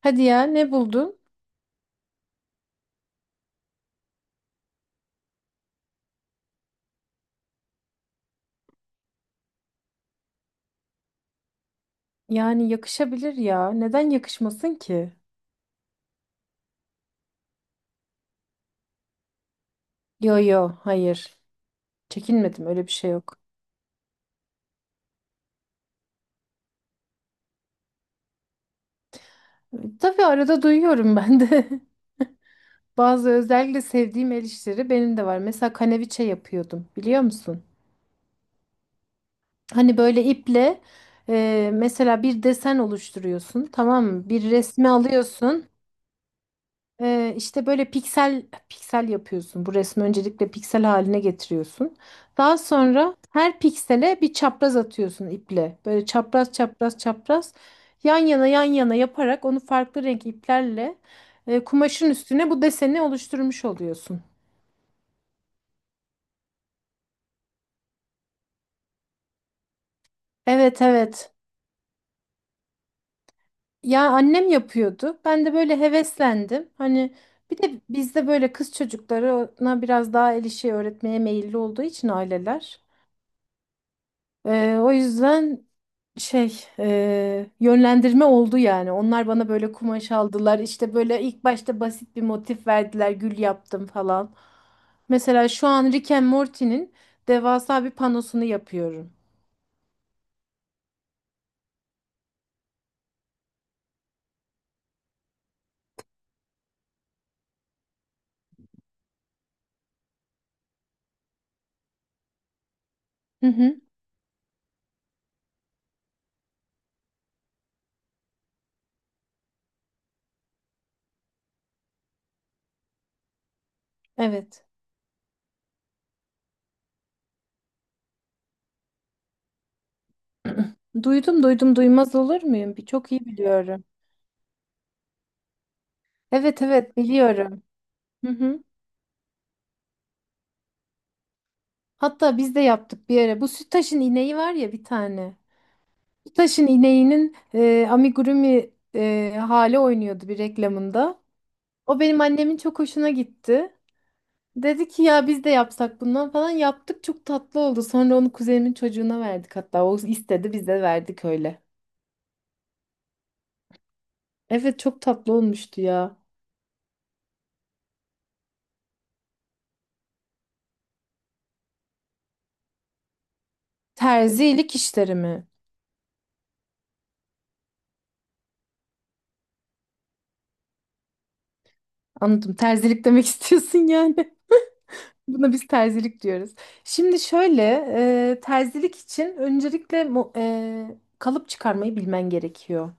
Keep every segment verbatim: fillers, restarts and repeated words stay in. Hadi ya, ne buldun? Yani yakışabilir ya. Neden yakışmasın ki? Yo yo hayır. Çekinmedim, öyle bir şey yok. Tabii arada duyuyorum ben de. Bazı özellikle sevdiğim el işleri benim de var. Mesela kaneviçe yapıyordum, biliyor musun? Hani böyle iple e, mesela bir desen oluşturuyorsun, tamam mı? Bir resmi alıyorsun. Ee, işte böyle piksel piksel yapıyorsun. Bu resmi öncelikle piksel haline getiriyorsun. Daha sonra her piksele bir çapraz atıyorsun iple. Böyle çapraz çapraz çapraz yan yana yan yana yaparak onu farklı renk iplerle e, kumaşın üstüne bu deseni oluşturmuş oluyorsun. Evet evet. Ya annem yapıyordu. Ben de böyle heveslendim. Hani bir de bizde böyle kız çocuklarına biraz daha el işi öğretmeye meyilli olduğu için aileler. Ee, o yüzden şey e, yönlendirme oldu yani. Onlar bana böyle kumaş aldılar. İşte böyle ilk başta basit bir motif verdiler. Gül yaptım falan. Mesela şu an Rick and Morty'nin devasa bir panosunu yapıyorum. Hı hı, evet. Duydum duydum, duymaz olur muyum? Bir çok iyi biliyorum. Evet evet, biliyorum. Hı hı. Hatta biz de yaptık bir ara. Bu Sütaş'ın ineği var ya bir tane. Taş'ın ineğinin e, amigurumi e, hali oynuyordu bir reklamında. O benim annemin çok hoşuna gitti. Dedi ki ya biz de yapsak bundan falan, yaptık çok tatlı oldu. Sonra onu kuzenimin çocuğuna verdik, hatta o istedi biz de verdik öyle. Evet, çok tatlı olmuştu ya. Terzilik işleri mi? Anladım, terzilik demek istiyorsun yani. Buna biz terzilik diyoruz. Şimdi şöyle e, terzilik için öncelikle mo- e, kalıp çıkarmayı bilmen gerekiyor.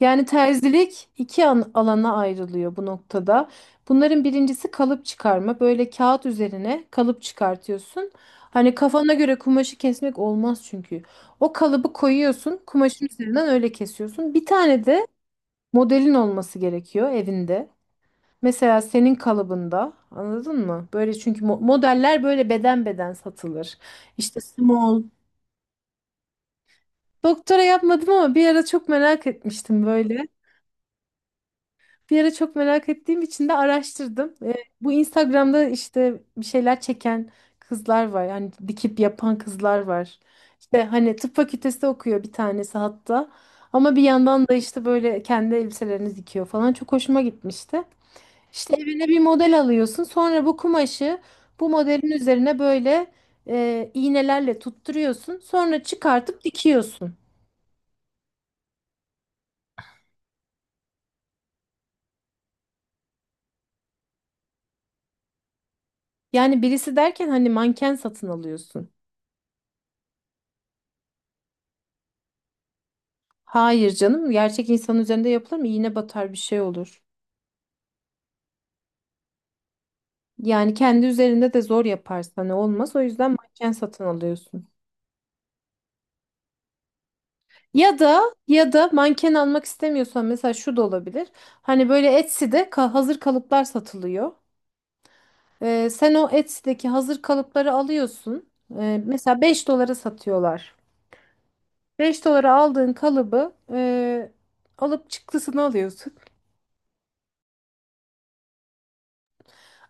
Yani terzilik iki an- alana ayrılıyor bu noktada. Bunların birincisi kalıp çıkarma. Böyle kağıt üzerine kalıp çıkartıyorsun. Hani kafana göre kumaşı kesmek olmaz çünkü. O kalıbı koyuyorsun, kumaşın üzerinden öyle kesiyorsun. Bir tane de modelin olması gerekiyor evinde. Mesela senin kalıbında, anladın mı? Böyle, çünkü mo- modeller böyle beden beden satılır. İşte small. Doktora yapmadım ama bir ara çok merak etmiştim böyle. Bir ara çok merak ettiğim için de araştırdım. Ee, bu Instagram'da işte bir şeyler çeken kızlar var. Yani dikip yapan kızlar var. İşte hani tıp fakültesi okuyor bir tanesi hatta. Ama bir yandan da işte böyle kendi elbiselerini dikiyor falan. Çok hoşuma gitmişti. İşte evine bir model alıyorsun. Sonra bu kumaşı bu modelin üzerine böyle e, iğnelerle tutturuyorsun. Sonra çıkartıp dikiyorsun. Yani birisi derken hani manken satın alıyorsun. Hayır canım, gerçek insan üzerinde yapılır mı? İğne batar, bir şey olur. Yani kendi üzerinde de zor yaparsan ne olmaz. O yüzden manken satın alıyorsun. Ya da ya da manken almak istemiyorsan mesela şu da olabilir. Hani böyle Etsy'de ka- hazır kalıplar satılıyor. Ee, sen o Etsy'deki hazır kalıpları alıyorsun. Ee, mesela beş dolara satıyorlar. Beş dolara aldığın kalıbı e, alıp çıktısını alıyorsun.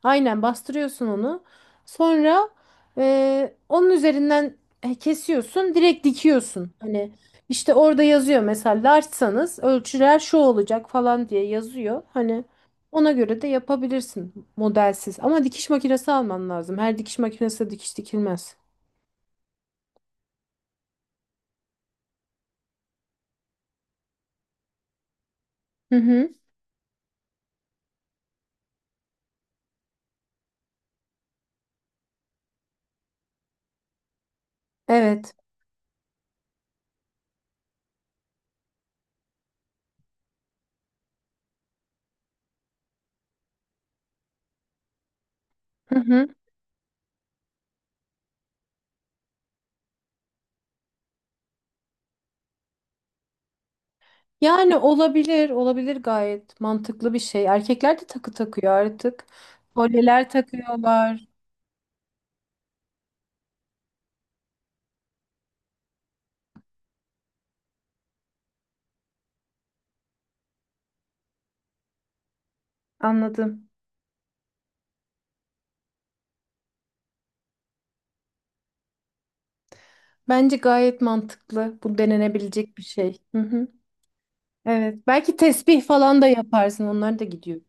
Aynen bastırıyorsun onu. Sonra e, onun üzerinden e, kesiyorsun, direkt dikiyorsun. Hani işte orada yazıyor mesela larçsanız ölçüler şu olacak falan diye yazıyor. Hani ona göre de yapabilirsin modelsiz. Ama dikiş makinesi alman lazım. Her dikiş makinesi de dikiş dikilmez. Hı hı. Evet. Hı hı. Yani olabilir, olabilir, gayet mantıklı bir şey. Erkekler de takı takıyor artık. Kolyeler takıyorlar. Anladım. Bence gayet mantıklı. Bu denenebilecek bir şey. Hı hı. Evet. Belki tesbih falan da yaparsın. Onlar da gidiyor.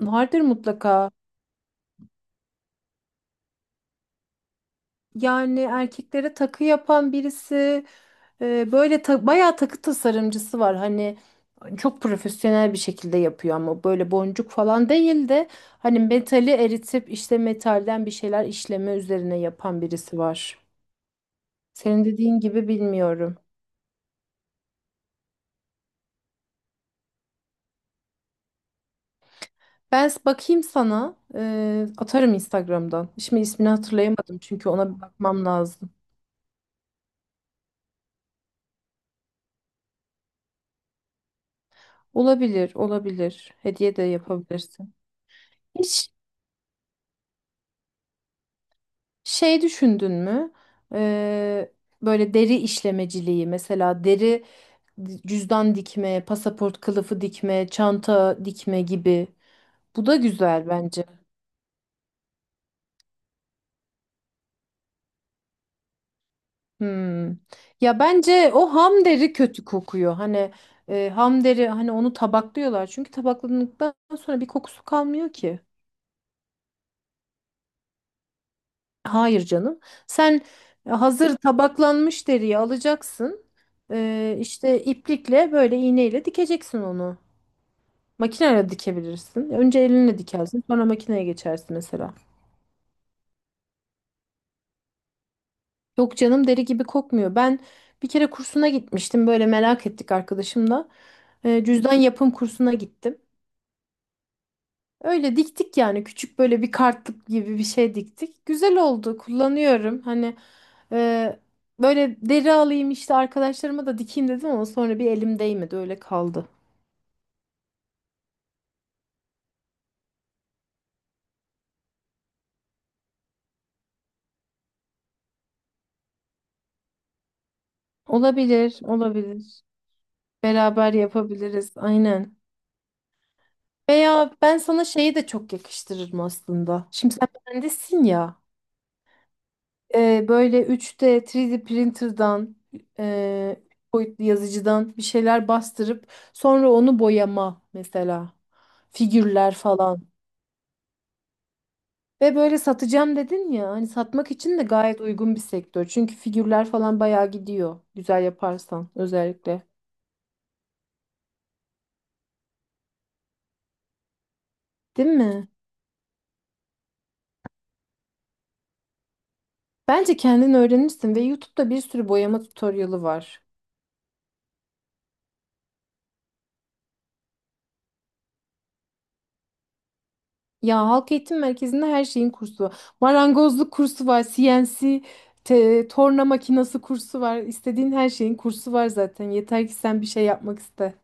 Vardır mutlaka. Yani erkeklere takı yapan birisi, e, böyle ta- bayağı takı tasarımcısı var. Hani çok profesyonel bir şekilde yapıyor ama böyle boncuk falan değil de hani metali eritip işte metalden bir şeyler işleme üzerine yapan birisi var. Senin dediğin gibi, bilmiyorum. Ben s- bakayım sana. Ee, atarım Instagram'dan. Şimdi ismini hatırlayamadım çünkü ona bir bakmam lazım. Olabilir, olabilir. Hediye de yapabilirsin. Hiç şey düşündün mü? Ee, böyle deri işlemeciliği, mesela deri d- cüzdan dikme, pasaport kılıfı dikme, çanta dikme gibi. Bu da güzel bence. Hmm. Ya bence o ham deri kötü kokuyor. Hani e, ham deri, hani onu tabaklıyorlar. Çünkü tabakladıktan sonra bir kokusu kalmıyor ki. Hayır canım. Sen hazır tabaklanmış deriyi alacaksın. E, işte iplikle böyle iğneyle dikeceksin onu. Makineyle dikebilirsin. Önce elinle dikersin, sonra makineye geçersin mesela. Yok canım, deri gibi kokmuyor. Ben bir kere kursuna gitmiştim. Böyle merak ettik arkadaşımla. E, cüzdan yapım kursuna gittim. Öyle diktik yani, küçük böyle bir kartlık gibi bir şey diktik. Güzel oldu, kullanıyorum. Hani e, böyle deri alayım işte arkadaşlarıma da dikeyim dedim, ama sonra bir elim değmedi öyle kaldı. Olabilir, olabilir. Beraber yapabiliriz, aynen. Veya ben sana şeyi de çok yakıştırırım aslında. Şimdi sen mühendissin ya. e, böyle üç D üç D printer'dan e, boyutlu yazıcıdan bir şeyler bastırıp sonra onu boyama, mesela figürler falan. Ve böyle satacağım dedin ya, hani satmak için de gayet uygun bir sektör. Çünkü figürler falan bayağı gidiyor, güzel yaparsan özellikle. Değil mi? Bence kendin öğrenirsin ve YouTube'da bir sürü boyama tutorialı var. Ya Halk Eğitim Merkezi'nde her şeyin kursu var. Marangozluk kursu var, C N C, te- torna makinası kursu var. İstediğin her şeyin kursu var zaten. Yeter ki sen bir şey yapmak iste.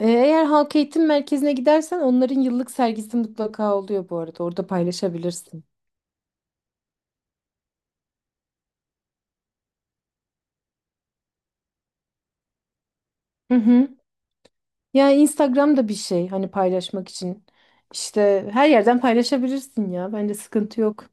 Ee, Eğer Halk Eğitim Merkezi'ne gidersen onların yıllık sergisi mutlaka oluyor bu arada. Orada paylaşabilirsin. Hı hı. Ya Instagram da bir şey, hani paylaşmak için. İşte her yerden paylaşabilirsin ya. Bence sıkıntı yok.